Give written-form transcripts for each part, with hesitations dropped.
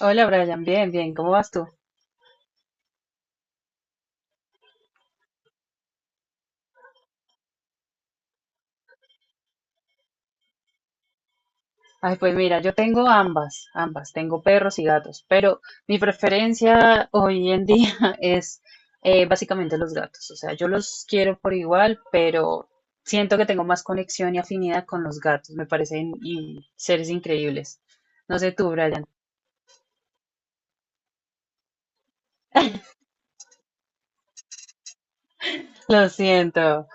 Hola Brian, bien, bien, ¿cómo vas tú? Ay, pues mira, yo tengo ambas, ambas, tengo perros y gatos, pero mi preferencia hoy en día es básicamente los gatos, o sea, yo los quiero por igual, pero siento que tengo más conexión y afinidad con los gatos, me parecen seres increíbles. No sé tú, Brian. Lo siento.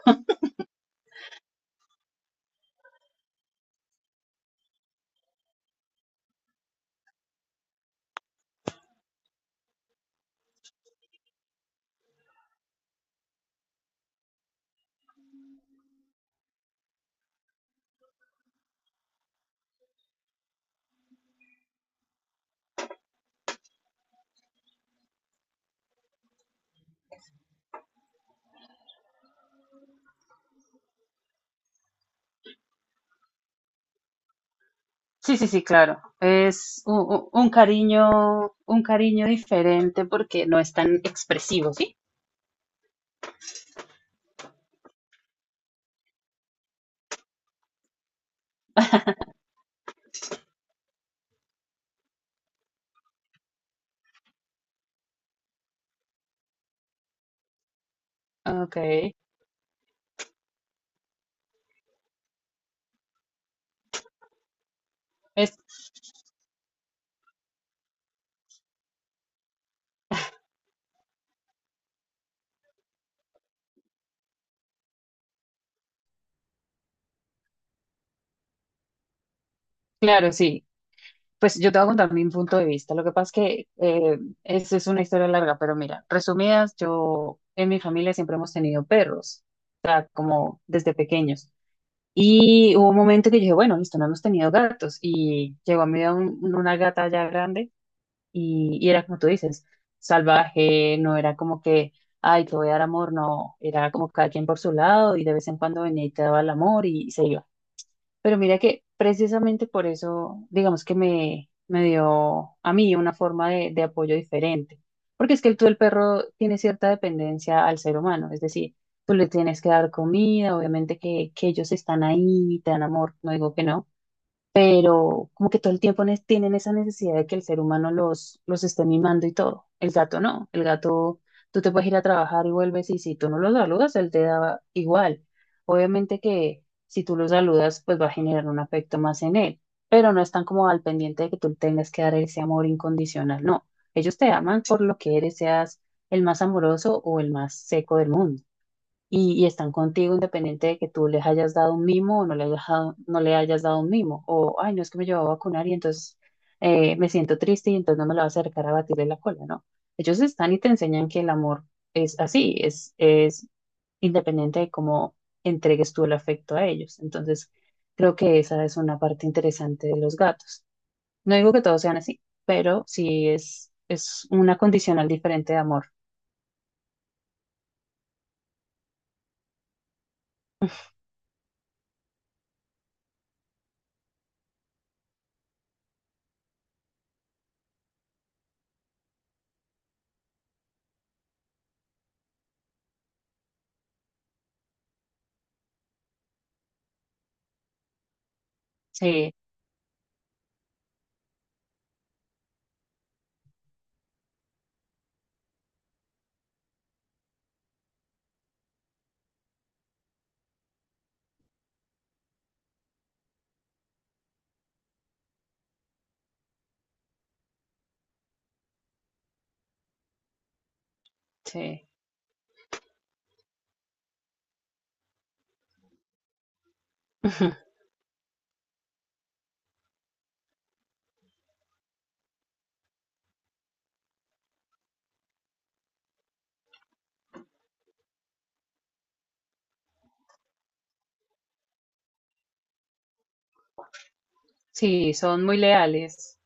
Sí, sí, sí, claro. Es un cariño diferente porque no es tan expresivo, ¿sí? Ok. Es, claro, sí. Pues yo te voy a contar mi punto de vista. Lo que pasa es que es una historia larga, pero mira, resumidas, yo en mi familia siempre hemos tenido perros, o sea, como desde pequeños. Y hubo un momento que yo dije, bueno, listo, no hemos tenido gatos. Y llegó a mi vida una gata ya grande y era como tú dices, salvaje, no era como que, ay, te voy a dar amor, no, era como cada quien por su lado y de vez en cuando venía y te daba el amor y se iba. Pero mira que precisamente por eso, digamos que me dio a mí una forma de apoyo diferente. Porque es que tú, el perro, tiene cierta dependencia al ser humano. Es decir, tú le tienes que dar comida, obviamente que ellos están ahí, te dan amor, no digo que no, pero como que todo el tiempo tienen esa necesidad de que el ser humano los esté mimando y todo. El gato no, el gato, tú te puedes ir a trabajar y vuelves y si tú no lo saludas, él te da igual. Obviamente que si tú lo saludas, pues va a generar un afecto más en él, pero no están como al pendiente de que tú tengas que dar ese amor incondicional, no. Ellos te aman por lo que eres, seas el más amoroso o el más seco del mundo y están contigo independiente de que tú les hayas dado un mimo o no le hayas dado, no le hayas dado un mimo. O, ay, no es que me llevaba a vacunar y entonces me siento triste y entonces no me la va a acercar a batirle la cola, ¿no? Ellos están y te enseñan que el amor es así, es independiente de cómo entregues tú el afecto a ellos. Entonces, creo que esa es una parte interesante de los gatos. No digo que todos sean así, pero sí es una condicional diferente de amor. Sí, sí. Sí, son muy leales.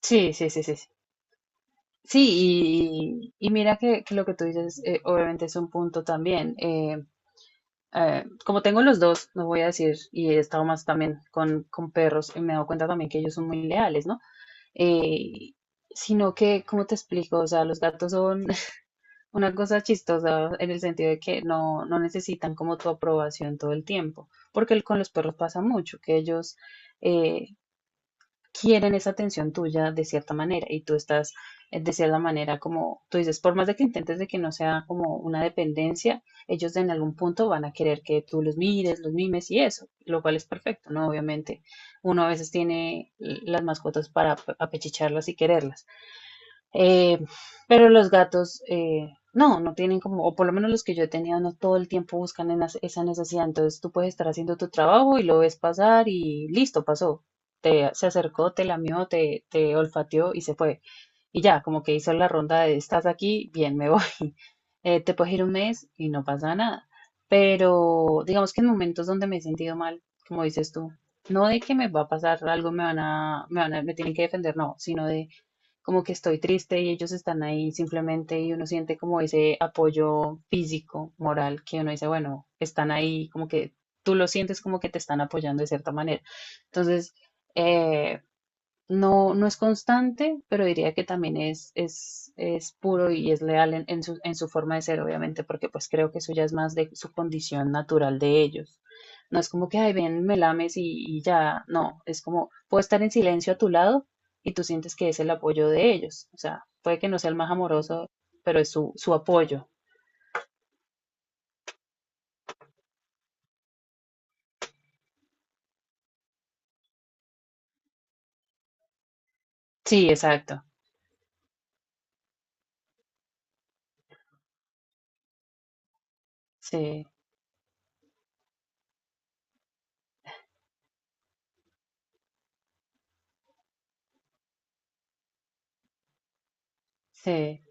Sí, sí, sí, sí. Sí, sí, y mira que lo que tú dices, obviamente es un punto también. Como tengo los dos, no voy a decir, y he estado más también con perros, y me he dado cuenta también que ellos son muy leales, ¿no? Eh, sino que, ¿cómo te explico? O sea, los gatos son una cosa chistosa en el sentido de que no, no necesitan como tu aprobación todo el tiempo, porque con los perros pasa mucho, que ellos... eh, quieren esa atención tuya de cierta manera y tú estás de cierta manera como tú dices, por más de que intentes de que no sea como una dependencia, ellos en algún punto van a querer que tú los mires, los mimes y eso, lo cual es perfecto, ¿no? Obviamente, uno a veces tiene las mascotas para apechicharlas y quererlas. Eh, pero los gatos, no, no tienen como, o por lo menos los que yo he tenido, no todo el tiempo buscan en esa necesidad. Entonces tú puedes estar haciendo tu trabajo y lo ves pasar y listo, pasó. Te, se acercó, te lamió, te olfateó y se fue. Y ya, como que hizo la ronda de estás aquí, bien, me voy. Te puedes ir un mes y no pasa nada. Pero digamos que en momentos donde me he sentido mal, como dices tú, no de que me va a pasar algo, me van a, me van a, me tienen que defender, no, sino de como que estoy triste y ellos están ahí simplemente y uno siente como ese apoyo físico, moral, que uno dice, bueno, están ahí, como que tú lo sientes como que te están apoyando de cierta manera. Entonces, eh, no, no es constante, pero diría que también es puro y es leal en su forma de ser, obviamente, porque pues creo que eso ya es más de su condición natural de ellos. No es como que, ay, ven, me lames y ya, no, es como, puedo estar en silencio a tu lado y tú sientes que es el apoyo de ellos. O sea, puede que no sea el más amoroso, pero es su, su apoyo. Sí, exacto. Sí, sí,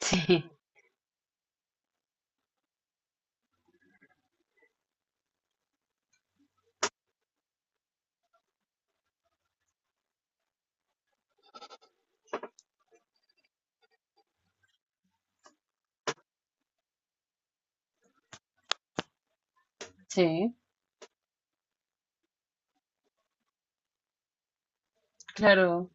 sí, sí, claro.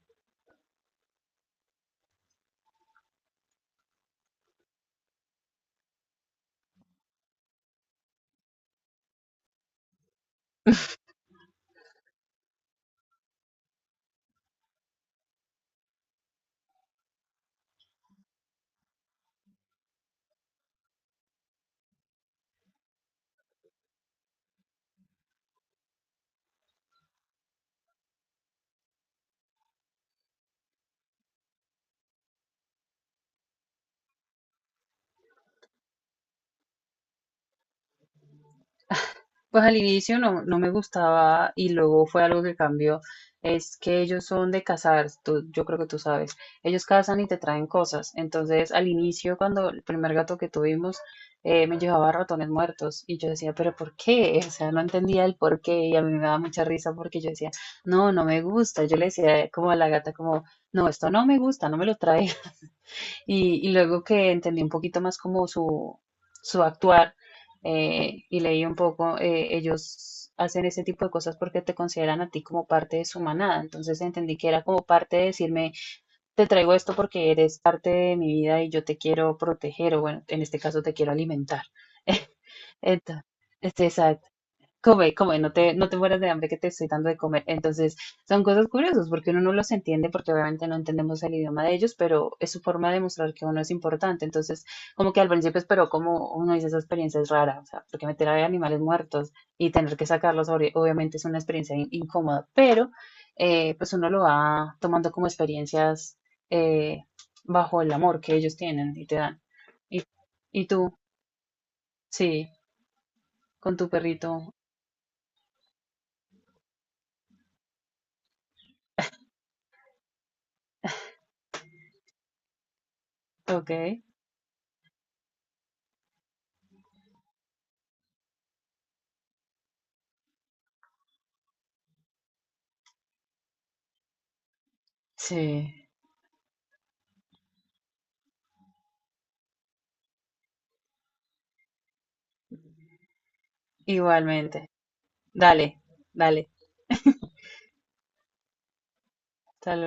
Pues al inicio no, no me gustaba y luego fue algo que cambió. Es que ellos son de cazar, tú- yo creo que tú sabes. Ellos cazan y te traen cosas. Entonces al inicio, cuando el primer gato que tuvimos me llevaba ratones muertos y yo decía, pero ¿por qué? O sea, no entendía el por qué y a mí me daba mucha risa porque yo decía, no, no me gusta. Yo le decía como a la gata, como, no, esto no me gusta, no me lo traes. Y luego que entendí un poquito más como su actuar, y leí un poco, ellos hacen ese tipo de cosas porque te consideran a ti como parte de su manada. Entonces entendí que era como parte de decirme, te traigo esto porque eres parte de mi vida y yo te quiero proteger o bueno, en este caso te quiero alimentar. Entonces, este, exacto. Come, come, no te, no te mueras de hambre que te estoy dando de comer. Entonces, son cosas curiosas porque uno no los entiende porque obviamente no entendemos el idioma de ellos, pero es su forma de mostrar que uno es importante. Entonces, como que al principio esperó como uno dice, esa experiencia es rara, o sea, porque meter a animales muertos y tener que sacarlos obviamente es una experiencia incómoda, pero pues uno lo va tomando como experiencias eh, bajo el amor que ellos tienen y te dan. Y, y tú, sí, con tu perrito, ok, sí. Igualmente. Dale, dale. Hasta